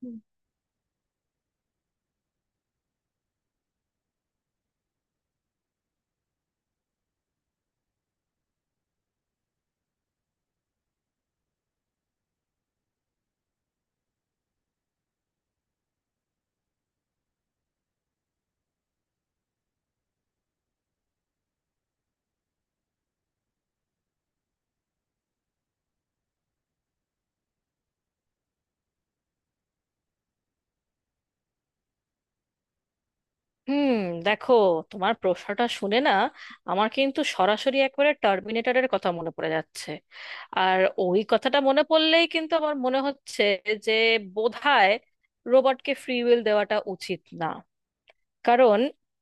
হুম, দেখো, তোমার প্রশ্নটা শুনে না আমার কিন্তু সরাসরি একবারে টার্মিনেটরের কথা মনে পড়ে যাচ্ছে। আর ওই কথাটা মনে পড়লেই কিন্তু আমার মনে হচ্ছে যে বোধহয় রোবটকে ফ্রি উইল দেওয়াটা উচিত না। কারণ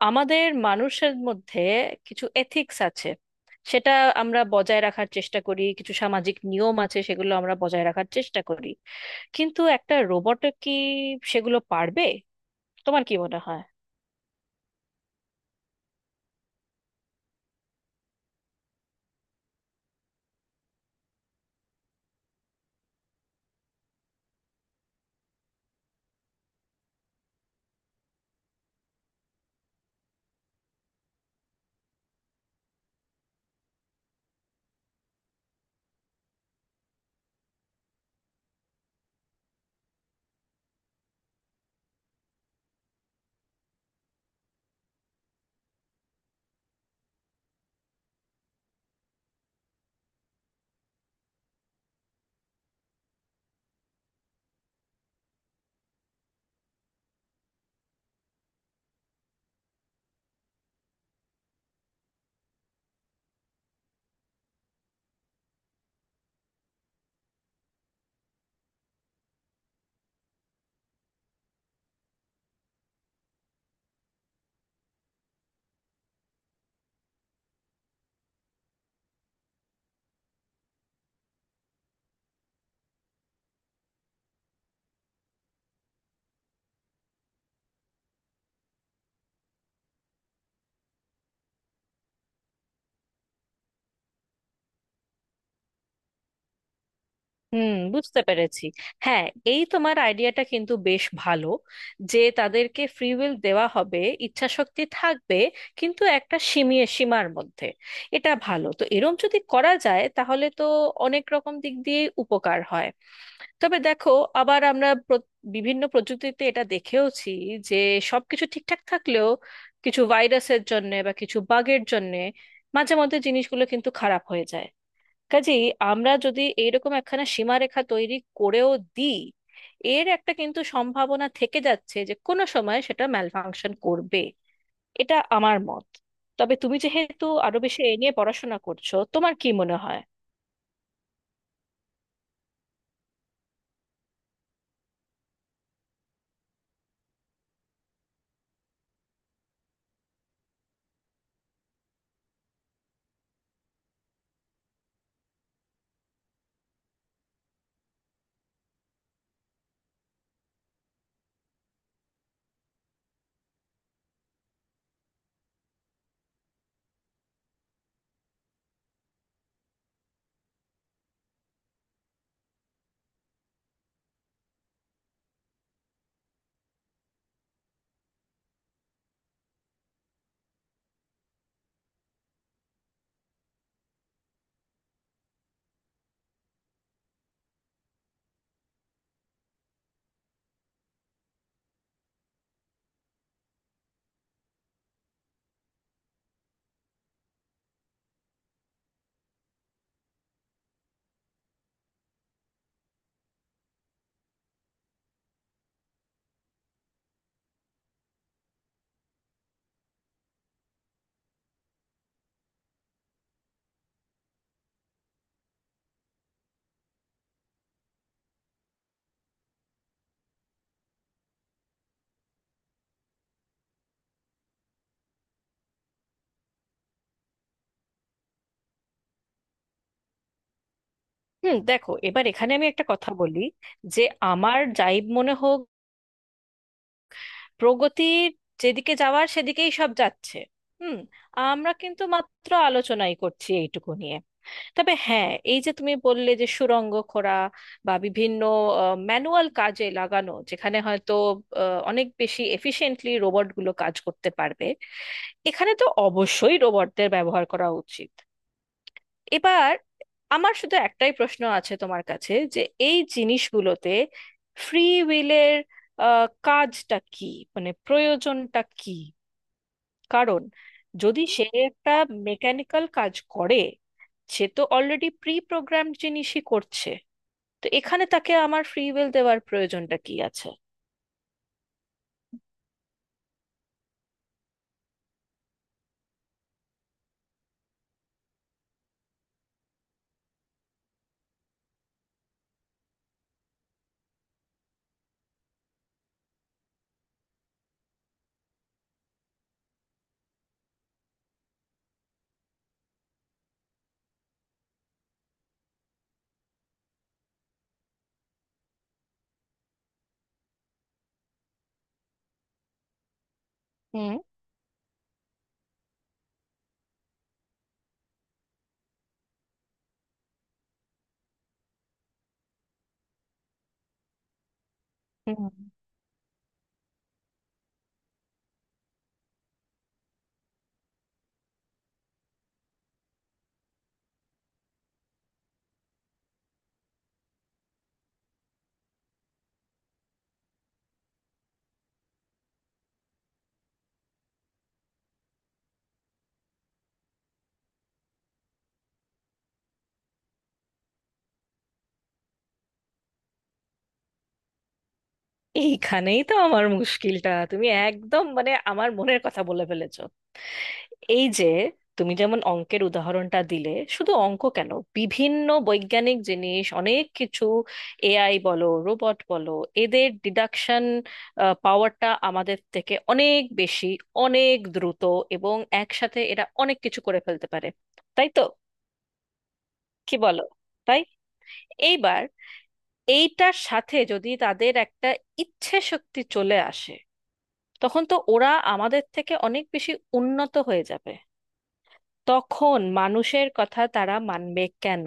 আমাদের মানুষের মধ্যে কিছু এথিক্স আছে, সেটা আমরা বজায় রাখার চেষ্টা করি, কিছু সামাজিক নিয়ম আছে, সেগুলো আমরা বজায় রাখার চেষ্টা করি। কিন্তু একটা রোবট কি সেগুলো পারবে? তোমার কি মনে হয়? হুম, বুঝতে পেরেছি। হ্যাঁ, এই তোমার আইডিয়াটা কিন্তু বেশ ভালো, যে তাদেরকে ফ্রি উইল দেওয়া হবে, ইচ্ছা শক্তি থাকবে, কিন্তু একটা সীমার মধ্যে। এটা ভালো, তো এরম যদি করা যায় তাহলে তো অনেক রকম দিক দিয়ে উপকার হয়। তবে দেখো, আবার আমরা বিভিন্ন প্রযুক্তিতে এটা দেখেওছি, যে সবকিছু ঠিকঠাক থাকলেও কিছু ভাইরাসের জন্য বা কিছু বাগের জন্য মাঝে মধ্যে জিনিসগুলো কিন্তু খারাপ হয়ে যায়। কাজেই আমরা যদি এইরকম একখানা সীমারেখা তৈরি করেও দিই, এর একটা কিন্তু সম্ভাবনা থেকে যাচ্ছে যে কোনো সময় সেটা ম্যালফাংশন করবে। এটা আমার মত। তবে তুমি যেহেতু আরো বেশি এ নিয়ে পড়াশোনা করছো, তোমার কি মনে হয়? হুম, দেখো, এবার এখানে আমি একটা কথা বলি, যে আমার যাই মনে হোক, প্রগতির যেদিকে যাওয়ার সেদিকেই সব যাচ্ছে। হুম। আমরা কিন্তু মাত্র আলোচনাই করছি এইটুকু নিয়ে। তবে হ্যাঁ, এই যে তুমি বললে যে সুড়ঙ্গ খোঁড়া বা বিভিন্ন ম্যানুয়াল কাজে লাগানো, যেখানে হয়তো অনেক বেশি এফিশিয়েন্টলি রোবটগুলো কাজ করতে পারবে, এখানে তো অবশ্যই রোবটদের ব্যবহার করা উচিত। এবার আমার শুধু একটাই প্রশ্ন আছে তোমার কাছে, যে এই জিনিসগুলোতে ফ্রি উইলের কাজটা কি, মানে প্রয়োজনটা কি? কারণ যদি সে একটা মেকানিক্যাল কাজ করে, সে তো অলরেডি প্রি প্রোগ্রাম জিনিসই করছে। তো এখানে তাকে আমার ফ্রি উইল দেওয়ার প্রয়োজনটা কি আছে? হুম হুম। এইখানেই তো আমার মুশকিলটা। তুমি একদম মানে আমার মনের কথা বলে ফেলেছো। এই যে তুমি যেমন অঙ্কের উদাহরণটা দিলে, শুধু অঙ্ক কেন, বিভিন্ন বৈজ্ঞানিক জিনিস অনেক কিছু, এআই বলো রোবট বলো, এদের ডিডাকশন পাওয়ারটা আমাদের থেকে অনেক বেশি, অনেক দ্রুত, এবং একসাথে এরা অনেক কিছু করে ফেলতে পারে। তাই তো? কি বলো? তাই, এইবার এইটার সাথে যদি তাদের একটা ইচ্ছে শক্তি চলে আসে, তখন তো ওরা আমাদের থেকে অনেক বেশি উন্নত হয়ে যাবে। তখন মানুষের কথা তারা মানবে কেন?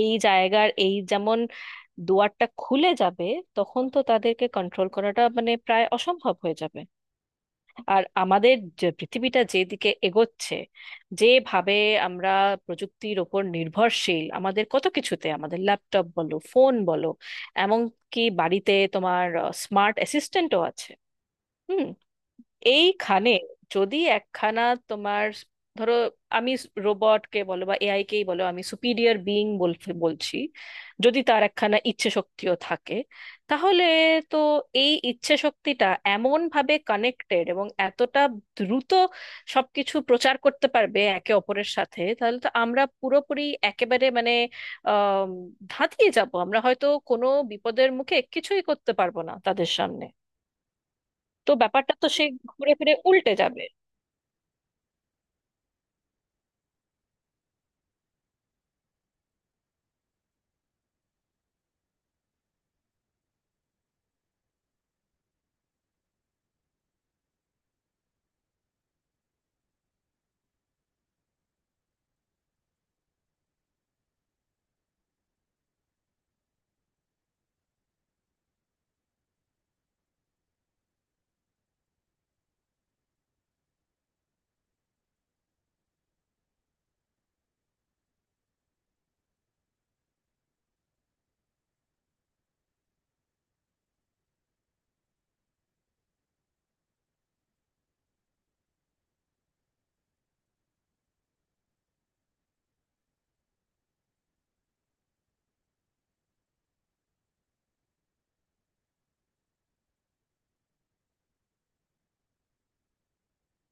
এই জায়গার এই যেমন দুয়ারটা খুলে যাবে। তখন তো তাদেরকে কন্ট্রোল করাটা মানে প্রায় অসম্ভব হয়ে যাবে। আর আমাদের যে পৃথিবীটা যেদিকে এগোচ্ছে, যেভাবে আমরা প্রযুক্তির ওপর নির্ভরশীল, আমাদের কত কিছুতে, আমাদের ল্যাপটপ বলো, ফোন বলো, এমনকি বাড়িতে তোমার স্মার্ট অ্যাসিস্ট্যান্টও আছে। হুম। এইখানে যদি একখানা, তোমার ধরো, আমি রোবটকে বলো বা এআই কেই বলো, আমি সুপিরিয়র বিইং বলছি, যদি তার একখানা ইচ্ছে শক্তিও থাকে, তাহলে তো এই ইচ্ছে শক্তিটা এমন ভাবে কানেক্টেড এবং এতটা দ্রুত সবকিছু প্রচার করতে পারবে একে অপরের সাথে, তাহলে তো আমরা পুরোপুরি একেবারে মানে আহ ধাঁতকে যাব। আমরা হয়তো কোনো বিপদের মুখে কিছুই করতে পারবো না তাদের সামনে। তো ব্যাপারটা তো সে ঘুরে ফিরে উল্টে যাবে।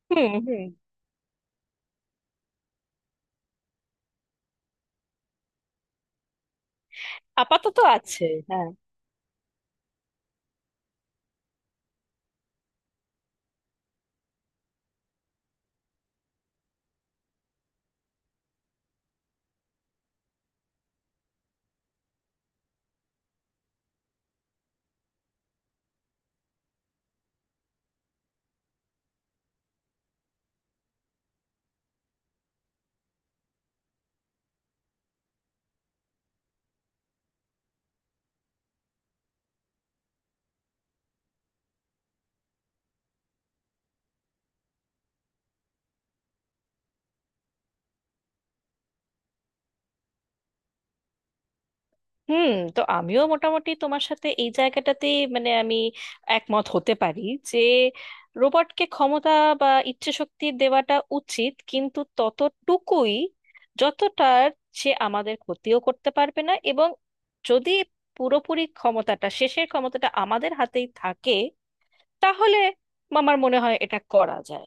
হুম হুম আপাতত আছে, হ্যাঁ। হুম, তো আমিও মোটামুটি তোমার সাথে এই জায়গাটাতে, মানে আমি একমত হতে পারি, যে রোবটকে ক্ষমতা বা ইচ্ছে শক্তি দেওয়াটা উচিত, কিন্তু ততটুকুই যতটার সে আমাদের ক্ষতিও করতে পারবে না, এবং যদি পুরোপুরি ক্ষমতাটা, শেষের ক্ষমতাটা আমাদের হাতেই থাকে, তাহলে আমার মনে হয় এটা করা যায়।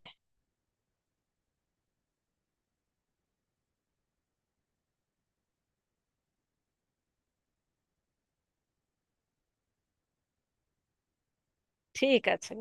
ঠিক আছে।